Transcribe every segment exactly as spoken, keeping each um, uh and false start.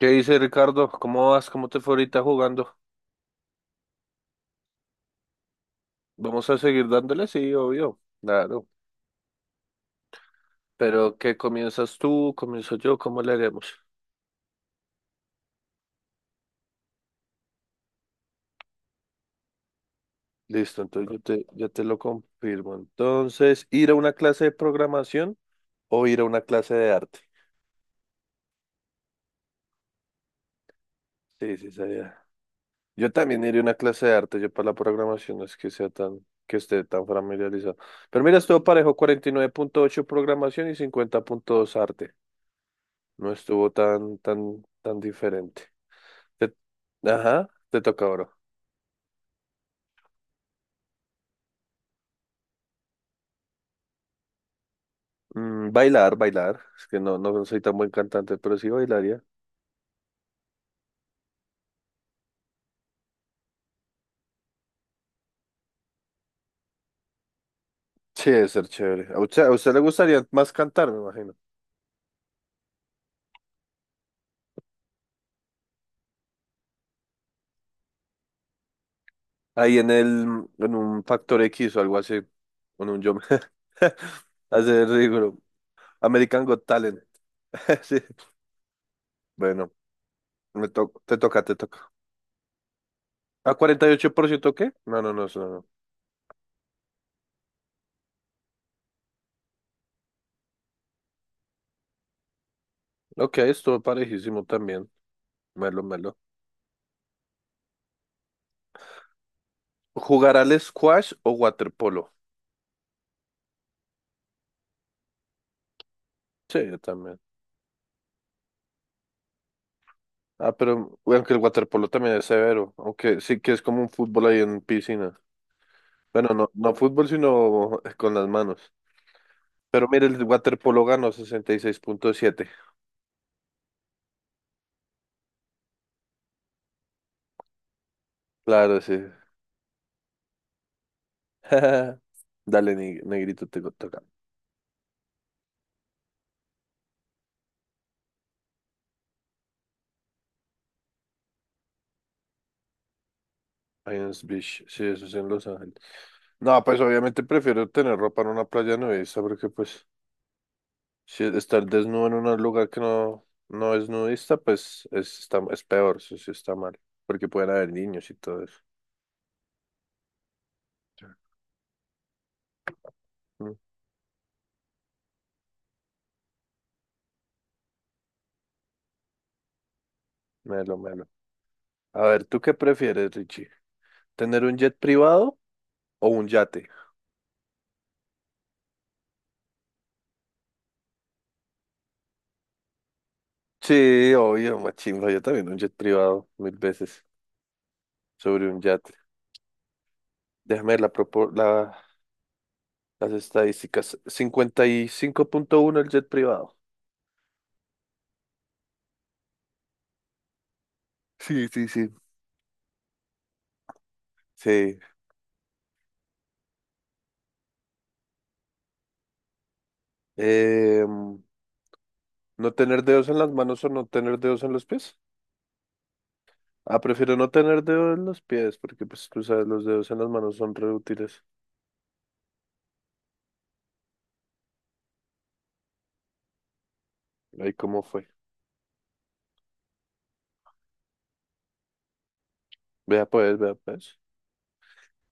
¿Qué dice Ricardo? ¿Cómo vas? ¿Cómo te fue ahorita jugando? ¿Vamos a seguir dándole? Sí, obvio. Claro. Pero ¿qué comienzas tú? ¿Comienzo yo? ¿Cómo le haremos? Listo, entonces yo te, yo te lo confirmo. Entonces, ¿ir a una clase de programación o ir a una clase de arte? Sí, sí, sabía. Yo también iré a una clase de arte. Yo para la programación no es que sea tan, que esté tan familiarizado. Pero mira, estuvo parejo, Cuarenta y nueve punto ocho programación y cincuenta punto dos arte. No estuvo tan, tan, tan diferente. Te- ajá, te toca oro. Mm, bailar, bailar. Es que no, no soy tan buen cantante, pero sí bailaría. Sí, debe ser chévere. A usted, a usted le gustaría más cantar, me imagino. Ahí en el, en un Factor X o algo así, con un yo. Hacer rigor. American Got Talent. Sí. Bueno, me to- te toca, te toca. ¿A cuarenta y ocho por ciento qué? No, no, no, eso no. Ok, estuvo parejísimo también. Melo, melo. ¿Jugar al squash o waterpolo? Sí, yo también. Ah, pero bueno, que el waterpolo también es severo, aunque sí que es como un fútbol ahí en piscina. Bueno, no, no fútbol, sino con las manos. Pero mire, el waterpolo ganó sesenta y seis punto siete. Claro, sí. Dale, neg- negrito, te toca. Pines Beach, sí, eso es en Los Ángeles. No, pues obviamente prefiero tener ropa en una playa nudista, porque pues si estar desnudo en un lugar que no, no es nudista, pues es, está, es peor, eso sí está mal, porque pueden haber niños y todo eso. Sí. Mm, Melo, melo. A ver, ¿tú qué prefieres, Richie? ¿Tener un jet privado o un yate? Sí, obvio, machimba, yo también un jet privado mil veces sobre un yate. Déjame ver la, propor, la- las estadísticas. Cincuenta y cinco punto uno el jet privado. Sí, sí, sí. Sí. Em, ¿No tener dedos en las manos o no tener dedos en los pies? Ah, prefiero no tener dedos en los pies porque pues tú sabes, los dedos en las manos son re útiles. Ahí cómo fue. Vea pues, vea pues.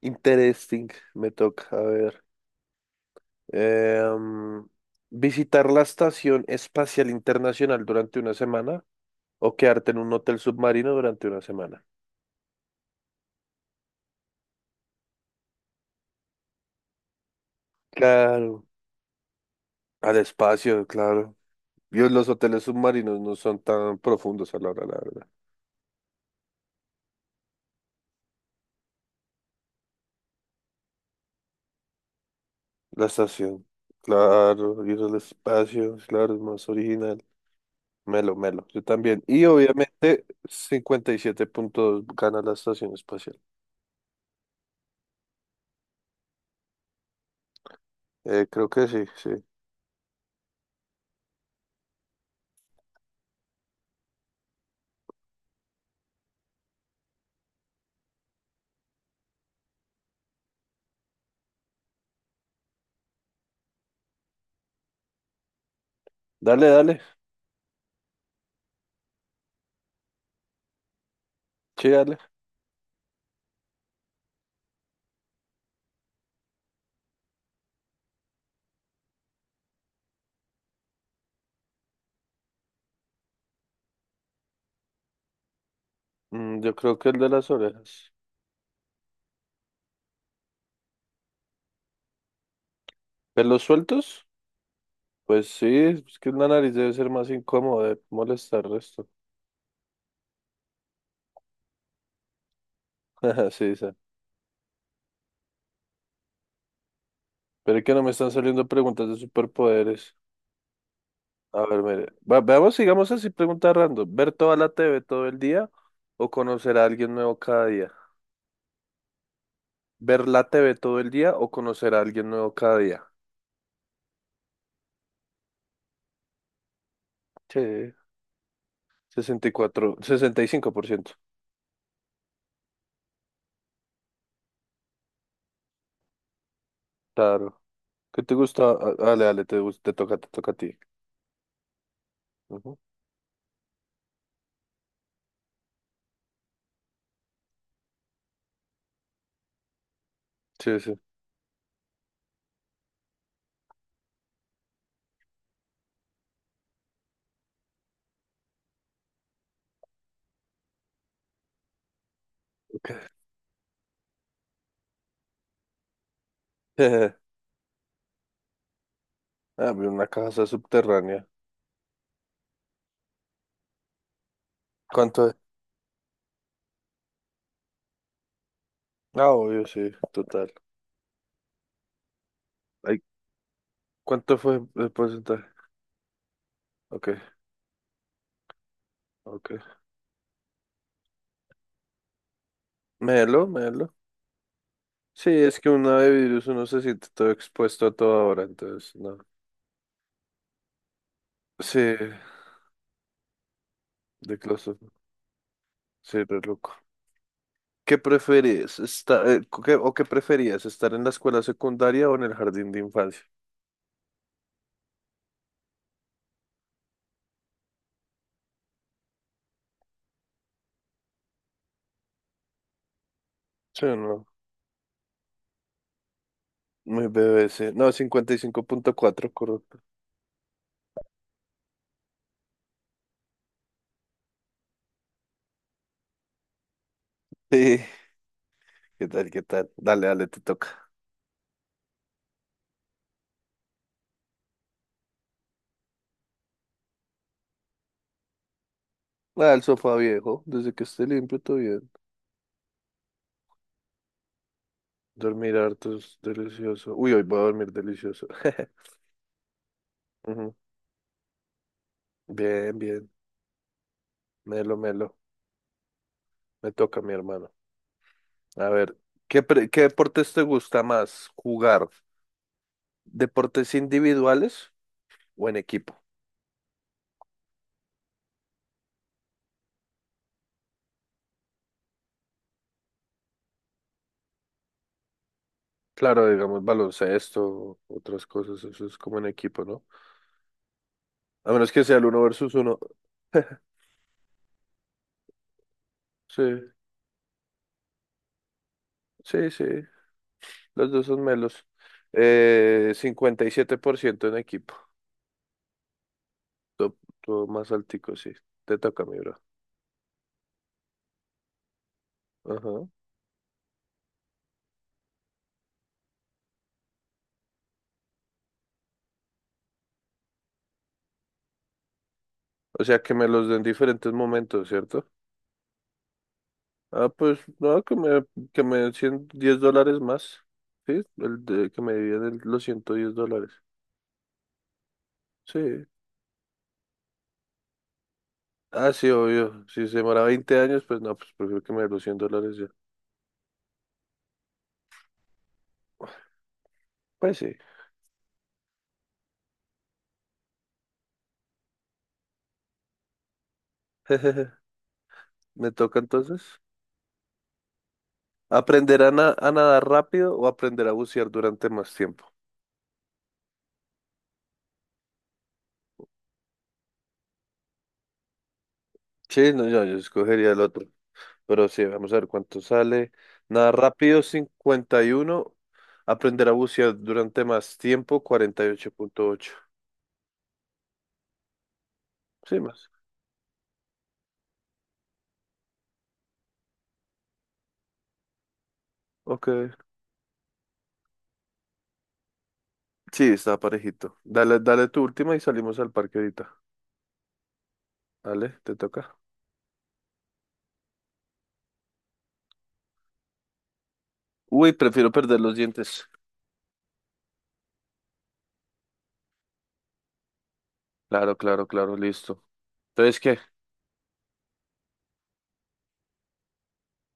Interesting, me toca, a ver. Em, Visitar la Estación Espacial Internacional durante una semana o quedarte en un hotel submarino durante una semana. Claro, al espacio, claro. Dios, los hoteles submarinos no son tan profundos a la hora, la verdad. La estación, claro, ir al espacio, claro, es más original. Melo, melo, yo también. Y obviamente cincuenta y siete puntos gana la estación espacial. Eh, creo que sí, sí. Dale, dale, sí, dale. Mm, yo creo que el de las orejas. ¿Pelos sueltos? Pues sí, es que la nariz debe ser más incómodo de molestar esto. Sí, sí. Pero es que no me están saliendo preguntas de superpoderes. A ver, mire. Va- veamos, sigamos así, pregunta random. ¿Ver toda la T V todo el día o conocer a alguien nuevo cada día? ¿Ver la T V todo el día o conocer a alguien nuevo cada día? Sí, sesenta y cuatro, sesenta y cinco por ciento. Claro. ¿Qué te gusta? Ah, dale, dale, te, gus- te toca, te toca a ti. Ujú. Sí, sí. Ok. Ah, vi una casa subterránea. ¿Cuánto Ah, obvio, sí, total. Ay, ¿cuánto fue el porcentaje? Ok, ok. Melo, melo. Sí, es que una de virus uno se siente todo expuesto a toda hora, entonces, no. Sí, de claustrofobia. Sí, re loco. ¿Qué preferís? Esta- eh, cu- qué- ¿O qué preferías? ¿Estar en la escuela secundaria o en el jardín de infancia? Sí, no. Muy bebé, sí. No, cincuenta y cinco punto cuatro correcto. Sí, ¿qué tal, qué tal? Dale, dale, te toca. Ah, el sofá viejo, desde que esté limpio todo. Dormir harto es delicioso. Uy, hoy voy a dormir delicioso. Ujú. Bien, bien. Melo, melo. Me toca, mi hermano. A ver, ¿qué, pre- qué deportes te gusta más jugar? ¿Deportes individuales o en equipo? Claro, digamos baloncesto, otras cosas, eso es como en equipo, ¿no? A menos que sea el uno versus uno. Sí, sí, sí. Los dos son melos. Eh, cincuenta y siete por ciento en equipo. Todo, todo más altico, sí. Te toca, mi bro. Ajá. O sea, que me los den diferentes momentos, ¿cierto? Ah, pues no, que me, que me den ciento diez dólares más. Sí, el de- que me dividan el- los ciento diez dólares. Sí. Ah, sí, obvio. Si se demora veinte años, pues no, pues prefiero que me den los cien dólares ya. Pues sí. Me toca entonces. ¿Aprender a, na- a nadar rápido o aprender a bucear durante más tiempo? Sí, no, yo, yo escogería el otro. Pero sí, vamos a ver cuánto sale. Nada rápido, cincuenta y uno. Aprender a bucear durante más tiempo, cuarenta y ocho punto ocho. Sí, más. Ok. Sí, está parejito. Dale, dale tu última y salimos al parque ahorita. Dale, te toca. Uy, prefiero perder los dientes. Claro, claro, claro, listo. Entonces, ¿qué?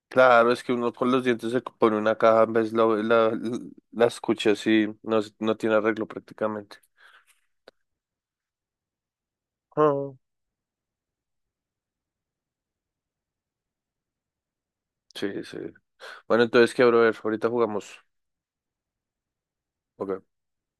Claro, es que uno con los dientes se pone una caja, en vez la, la, la escucha así, no, no tiene arreglo prácticamente. Ah. Sí, sí. Bueno, entonces, ¿qué, brother? Ahorita jugamos. Ok.